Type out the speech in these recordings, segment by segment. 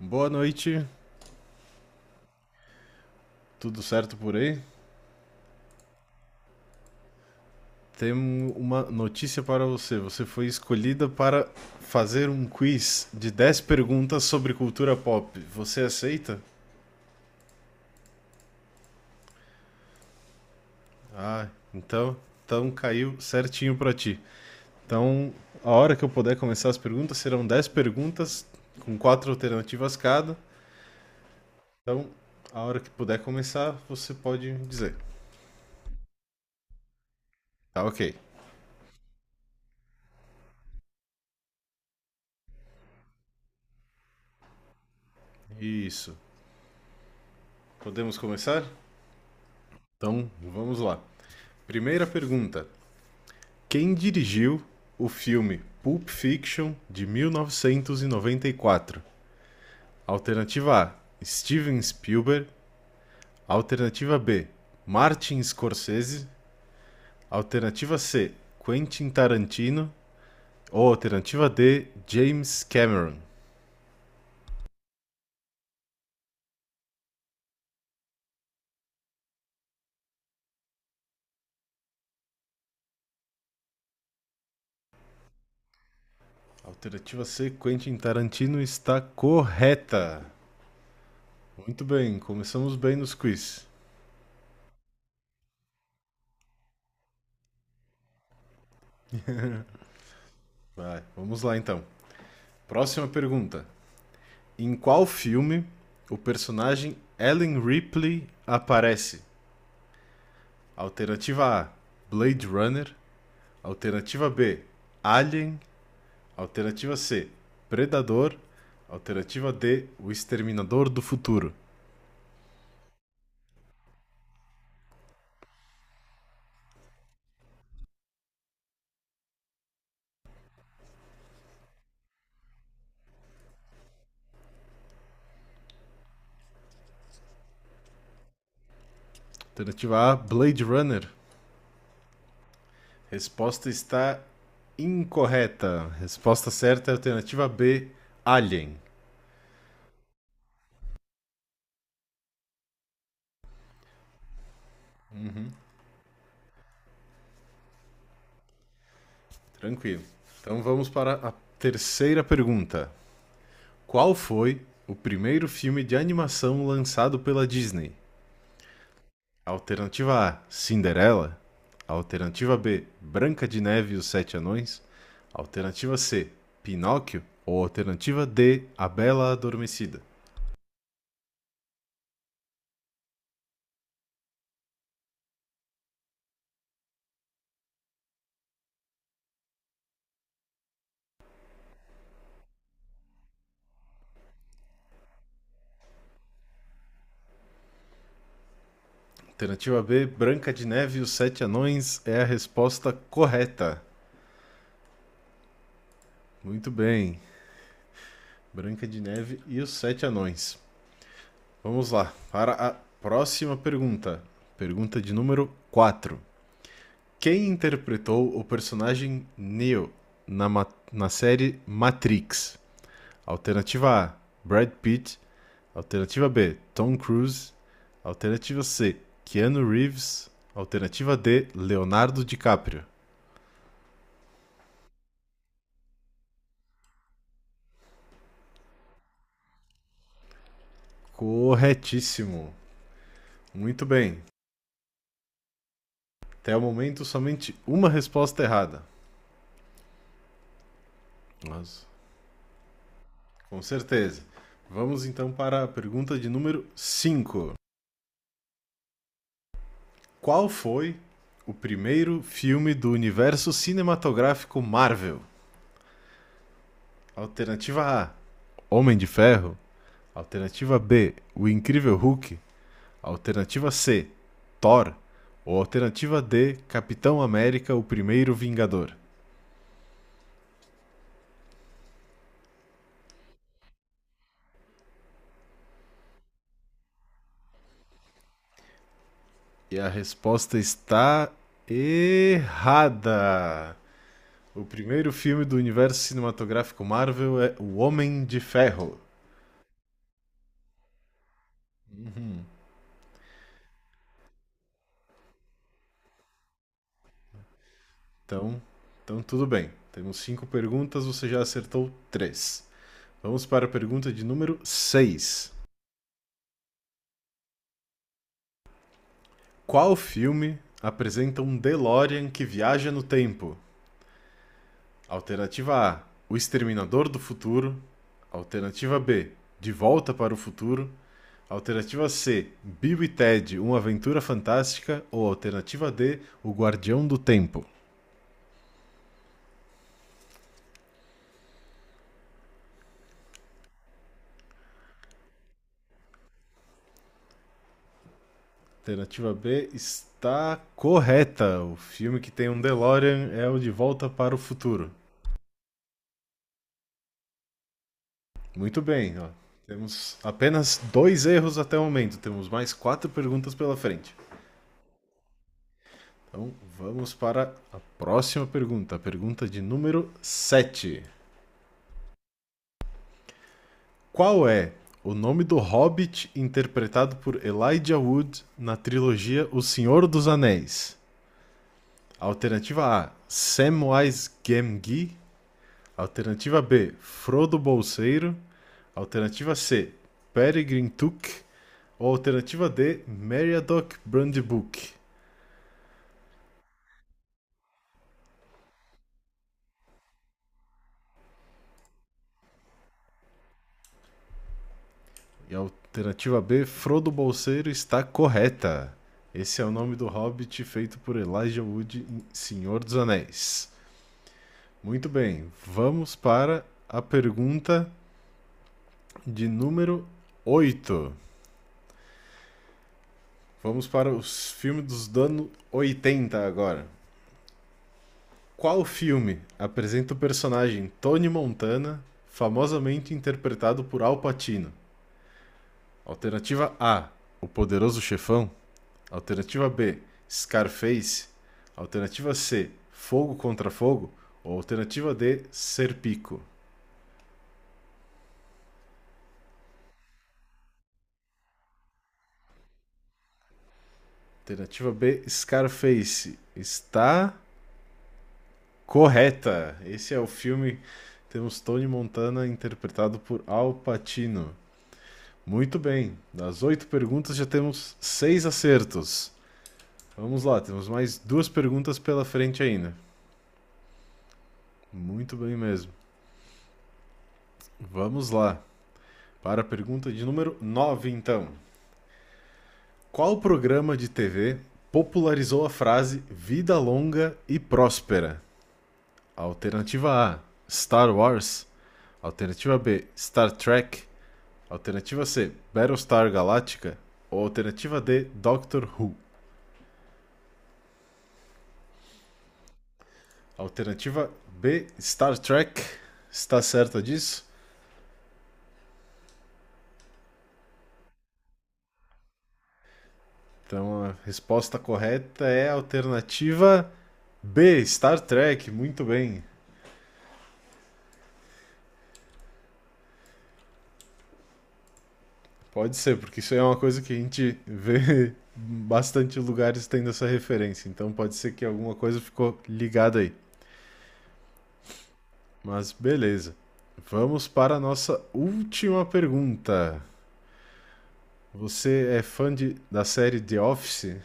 Boa noite, tudo certo por aí? Temos uma notícia para você. Você foi escolhida para fazer um quiz de 10 perguntas sobre cultura pop. Você aceita? Ah, então, então caiu certinho para ti. Então, a hora que eu puder começar as perguntas, serão 10 perguntas com quatro alternativas cada. Então, a hora que puder começar, você pode dizer. Tá, ok. Isso. Podemos começar? Então, vamos lá. Primeira pergunta. Quem dirigiu o filme Pulp Fiction de 1994? Alternativa A: Steven Spielberg. Alternativa B: Martin Scorsese. Alternativa C: Quentin Tarantino. Ou alternativa D: James Cameron. Alternativa C: Quentin Tarantino está correta. Muito bem, começamos bem nos quiz. Vai, vamos lá então. Próxima pergunta. Em qual filme o personagem Ellen Ripley aparece? Alternativa A: Blade Runner. Alternativa B: Alien. Alternativa C: Predador. Alternativa D: O Exterminador do Futuro. Alternativa A: Blade Runner. Resposta está incorreta. Resposta certa é alternativa B: Alien. Tranquilo. Então vamos para a terceira pergunta. Qual foi o primeiro filme de animação lançado pela Disney? Alternativa A: Cinderela. Alternativa B: Branca de Neve e os Sete Anões. Alternativa C: Pinóquio. Ou alternativa D: A Bela Adormecida. Alternativa B: Branca de Neve e os Sete Anões é a resposta correta. Muito bem. Branca de Neve e os Sete Anões. Vamos lá para a próxima pergunta. Pergunta de número 4. Quem interpretou o personagem Neo na, ma- na série Matrix? Alternativa A: Brad Pitt. Alternativa B: Tom Cruise. Alternativa C: Keanu Reeves. Alternativa D: Leonardo DiCaprio. Corretíssimo. Muito bem. Até o momento, somente uma resposta errada. Mas, com certeza. Vamos então para a pergunta de número 5. Qual foi o primeiro filme do universo cinematográfico Marvel? Alternativa A: Homem de Ferro. Alternativa B: O Incrível Hulk. Alternativa C: Thor. Ou alternativa D: Capitão América: O Primeiro Vingador. E a resposta está errada. O primeiro filme do universo cinematográfico Marvel é O Homem de Ferro. Então, então tudo bem. Temos cinco perguntas, você já acertou três. Vamos para a pergunta de número seis. Qual filme apresenta um DeLorean que viaja no tempo? Alternativa A: O Exterminador do Futuro. Alternativa B: De Volta para o Futuro. Alternativa C: Bill e Ted, Uma Aventura Fantástica. Ou alternativa D: O Guardião do Tempo. Alternativa B está correta. O filme que tem um DeLorean é o De Volta para o Futuro. Muito bem, ó. Temos apenas dois erros até o momento. Temos mais quatro perguntas pela frente. Então vamos para a próxima pergunta, a pergunta de número sete. Qual é o nome do hobbit interpretado por Elijah Wood na trilogia O Senhor dos Anéis? Alternativa A: Samwise Gamgee. Alternativa B, Frodo Bolseiro. Alternativa C, Peregrine Took. Ou alternativa D, Meriadoc Brandybuck. E a alternativa B, Frodo Bolseiro, está correta. Esse é o nome do hobbit feito por Elijah Wood em Senhor dos Anéis. Muito bem, vamos para a pergunta de número 8. Vamos para os filmes dos anos 80 agora. Qual filme apresenta o personagem Tony Montana, famosamente interpretado por Al Pacino? Alternativa A: O Poderoso Chefão. Alternativa B: Scarface. Alternativa C: Fogo contra Fogo. Ou alternativa D: Serpico. Alternativa B: Scarface. Está correta. Esse é o filme. Temos Tony Montana interpretado por Al Pacino. Muito bem. Das oito perguntas já temos seis acertos. Vamos lá, temos mais duas perguntas pela frente ainda. Muito bem mesmo. Vamos lá. Para a pergunta de número 9 então. Qual programa de TV popularizou a frase vida longa e próspera? Alternativa A: Star Wars. Alternativa B: Star Trek. Alternativa C: Battlestar Galactica. Ou alternativa D: Doctor Who. Alternativa B, Star Trek. Está certa disso? Então a resposta correta é a alternativa B, Star Trek. Muito bem. Pode ser, porque isso é uma coisa que a gente vê bastante lugares tendo essa referência. Então pode ser que alguma coisa ficou ligada aí. Mas beleza. Vamos para a nossa última pergunta. Você é fã de, da série The Office?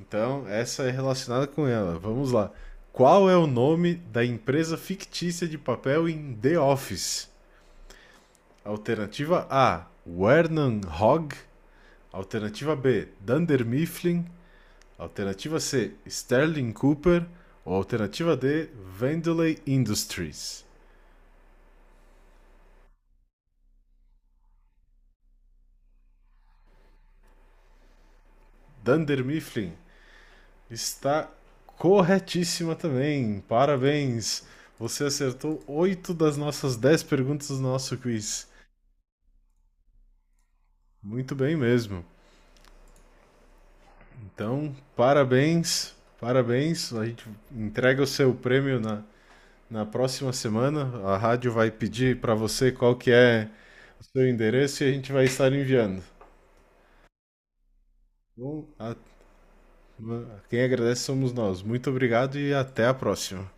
Então, essa é relacionada com ela. Vamos lá. Qual é o nome da empresa fictícia de papel em The Office? Alternativa A: Wernan Hogg. Alternativa B: Dunder Mifflin. Alternativa C: Sterling Cooper. Ou alternativa D: Vandalay Industries. Dunder Mifflin está corretíssima também. Parabéns! Você acertou 8 das nossas 10 perguntas do nosso quiz. Muito bem mesmo. Então, parabéns, parabéns. A gente entrega o seu prêmio na próxima semana. A rádio vai pedir para você qual que é o seu endereço e a gente vai estar enviando. Bom, quem agradece somos nós. Muito obrigado e até a próxima.